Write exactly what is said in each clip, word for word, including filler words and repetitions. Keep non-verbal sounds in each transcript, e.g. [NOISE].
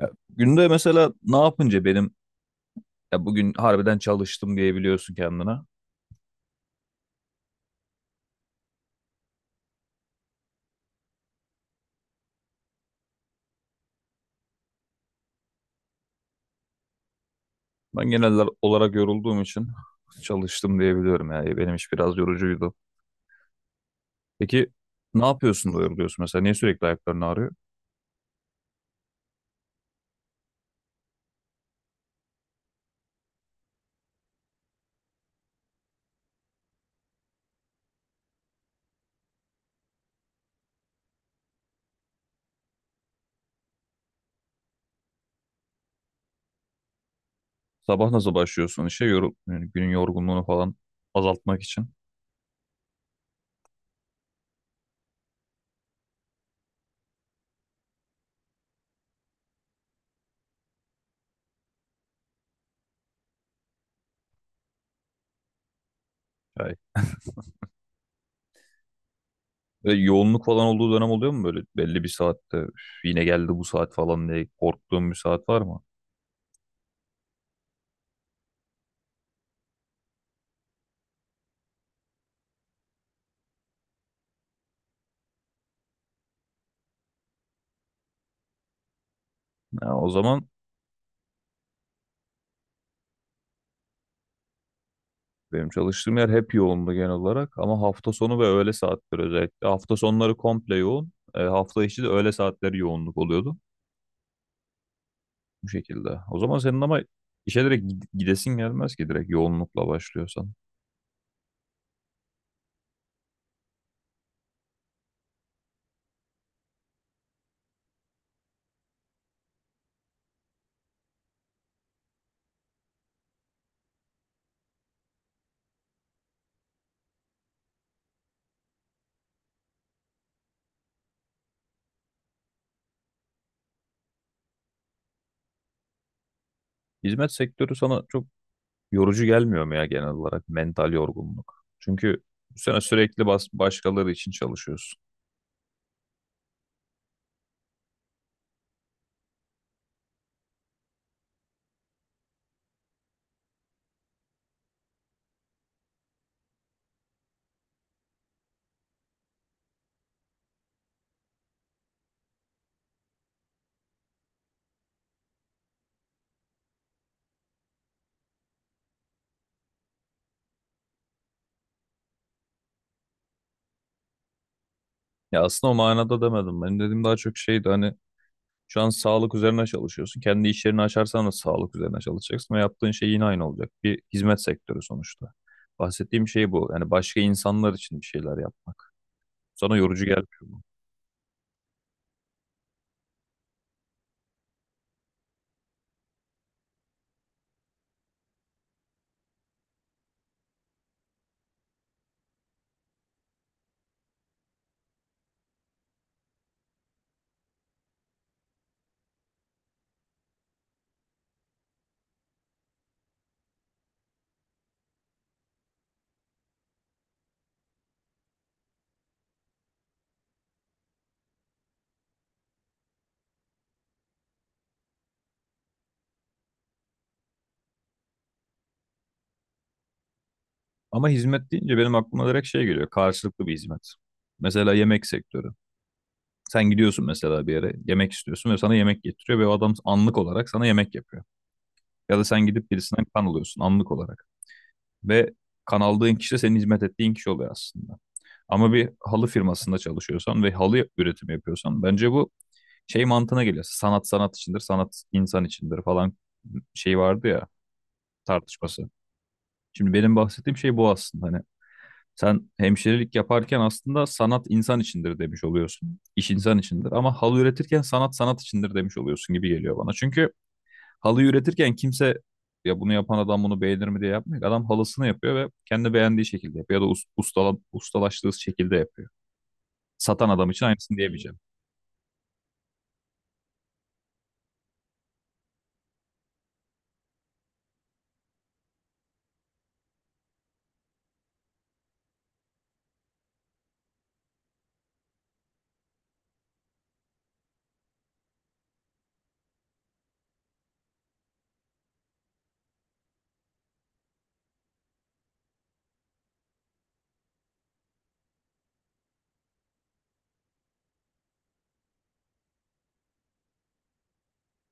Ya, günde mesela ne yapınca benim ya bugün harbiden çalıştım diyebiliyorsun kendine. Ben genel olarak yorulduğum için [LAUGHS] çalıştım diyebiliyorum ya. Benim iş biraz yorucuydu. Peki ne yapıyorsun da yoruluyorsun mesela? Niye sürekli ayakların ağrıyor? Sabah nasıl başlıyorsun işe? Yorul yani günün yorgunluğunu falan azaltmak için. Yani ve yoğunluk falan olduğu dönem oluyor mu böyle belli bir saatte "Üf, yine geldi bu saat falan diye korktuğum bir saat var mı? Ya o zaman benim çalıştığım yer hep yoğundu genel olarak ama hafta sonu ve öğle saatleri özellikle. Hafta sonları komple yoğun. E, hafta içi de öğle saatleri yoğunluk oluyordu bu şekilde. O zaman senin ama işe direkt gid- gidesin gelmez ki direkt yoğunlukla başlıyorsan. Hizmet sektörü sana çok yorucu gelmiyor mu ya genel olarak mental yorgunluk? Çünkü bu sene sürekli bas başkaları için çalışıyorsun. Ya aslında o manada demedim. Benim dediğim daha çok şeydi hani şu an sağlık üzerine çalışıyorsun. Kendi iş yerini açarsan da sağlık üzerine çalışacaksın ve yaptığın şey yine aynı olacak. Bir hizmet sektörü sonuçta. Bahsettiğim şey bu. Yani başka insanlar için bir şeyler yapmak. Sana yorucu gelmiyor bu. Ama hizmet deyince benim aklıma direkt şey geliyor. Karşılıklı bir hizmet. Mesela yemek sektörü. Sen gidiyorsun mesela bir yere yemek istiyorsun ve sana yemek getiriyor ve o adam anlık olarak sana yemek yapıyor. Ya da sen gidip birisinden kan alıyorsun anlık olarak. Ve kanaldığın kişi de senin hizmet ettiğin kişi oluyor aslında. Ama bir halı firmasında çalışıyorsan ve halı üretimi yapıyorsan bence bu şey mantığına geliyor. Sanat sanat içindir, sanat insan içindir falan şey vardı ya tartışması. Şimdi benim bahsettiğim şey bu aslında. Hani sen hemşirelik yaparken aslında sanat insan içindir demiş oluyorsun. İş insan içindir ama halı üretirken sanat sanat içindir demiş oluyorsun gibi geliyor bana. Çünkü halıyı üretirken kimse ya bunu yapan adam bunu beğenir mi diye yapmıyor. Adam halısını yapıyor ve kendi beğendiği şekilde yapıyor ya da us- ustala, ustalaştığı şekilde yapıyor. Satan adam için aynısını diyemeyeceğim.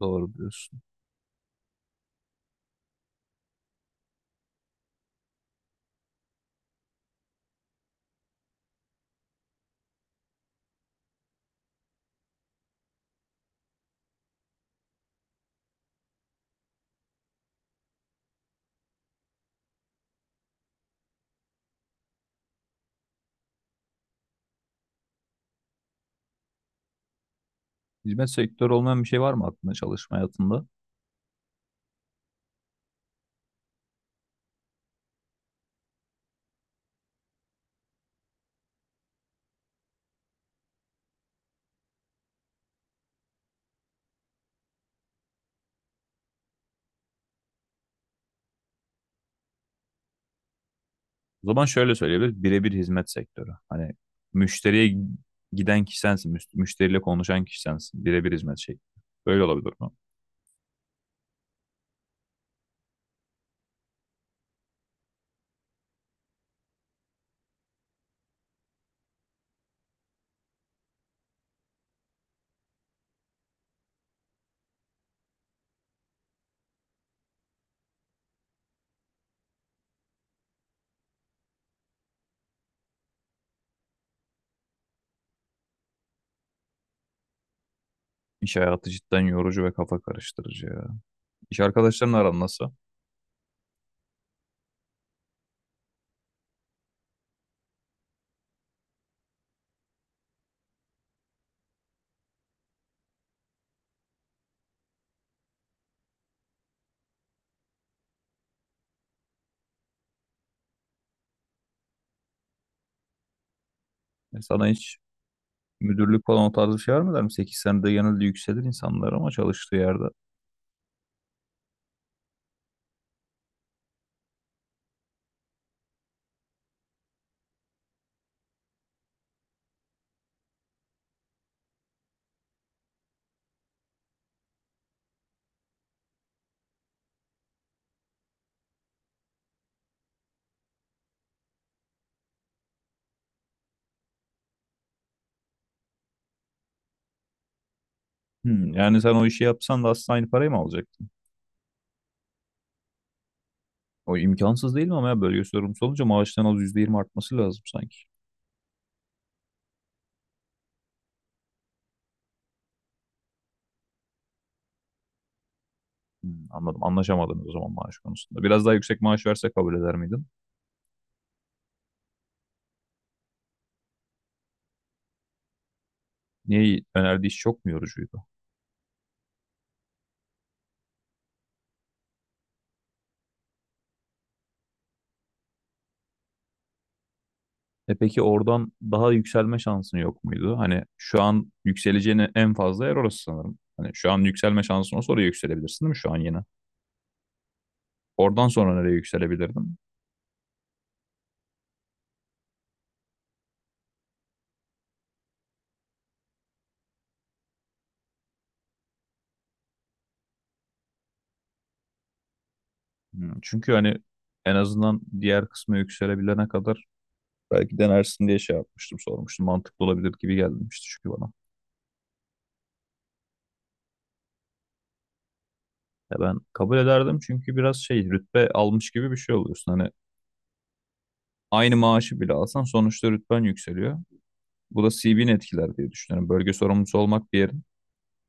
Doğru diyorsun. Hizmet sektörü olmayan bir şey var mı aklında çalışma hayatında? O zaman şöyle söyleyebiliriz. Birebir hizmet sektörü. Hani müşteriye giden kişi sensin. müş- Müşteriyle konuşan kişi sensin. Birebir hizmet şekli. Böyle olabilir mi? İş hayatı cidden yorucu ve kafa karıştırıcı ya. İş arkadaşlarınla aran nasıl? E, Sana hiç müdürlük falan o tarz bir şey var der mi? Sekiz senede genelde yükselir insanlar ama çalıştığı yerde. Hmm, yani sen o işi yapsan da aslında aynı parayı mı alacaktın? O imkansız değil mi ama ya bölge sorumlusu olunca maaştan az yüzde yirmi artması lazım sanki. Hmm, anladım. Anlaşamadınız o zaman maaş konusunda. Biraz daha yüksek maaş verse kabul eder miydin? Niye önerdiği iş çok mu yorucuydu? E peki oradan daha yükselme şansın yok muydu? Hani şu an yükseleceğin en fazla yer orası sanırım. Hani şu an yükselme şansın olsa oraya yükselebilirsin değil mi şu an yine? Oradan sonra nereye yükselebilirdin? Hmm, çünkü hani en azından diğer kısmı yükselebilene kadar belki denersin diye şey yapmıştım, sormuştum. Mantıklı olabilir gibi gelmişti çünkü bana. Ya ben kabul ederdim çünkü biraz şey rütbe almış gibi bir şey oluyorsun. Hani aynı maaşı bile alsan sonuçta rütben yükseliyor. Bu da C V'ni etkiler diye düşünüyorum. Bölge sorumlusu olmak bir yerin.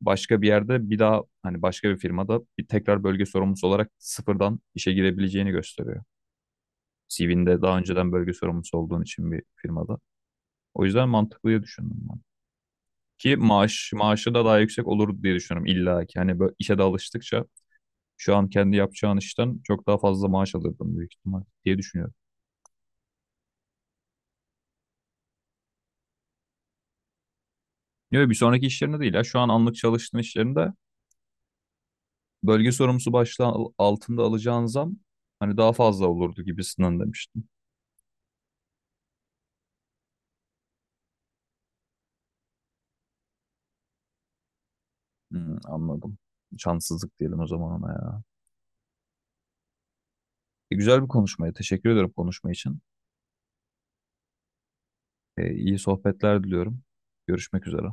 Başka bir yerde bir daha hani başka bir firmada bir tekrar bölge sorumlusu olarak sıfırdan işe girebileceğini gösteriyor. C V'nde daha önceden bölge sorumlusu olduğun için bir firmada. O yüzden mantıklı diye düşündüm. Ki maaş maaşı da daha yüksek olur diye düşünüyorum illa ki. Hani böyle işe de alıştıkça şu an kendi yapacağın işten çok daha fazla maaş alırdım büyük ihtimal diye düşünüyorum. Yok bir sonraki işlerinde değil ya. Şu an anlık çalıştığın işlerinde bölge sorumlusu başlığı al- altında alacağın zam hani daha fazla olurdu gibisinden demiştim. Hmm, anladım. Şanssızlık diyelim o zaman ona ya. E, güzel bir konuşmaydı. Teşekkür ederim konuşma için. E, iyi sohbetler diliyorum. Görüşmek üzere.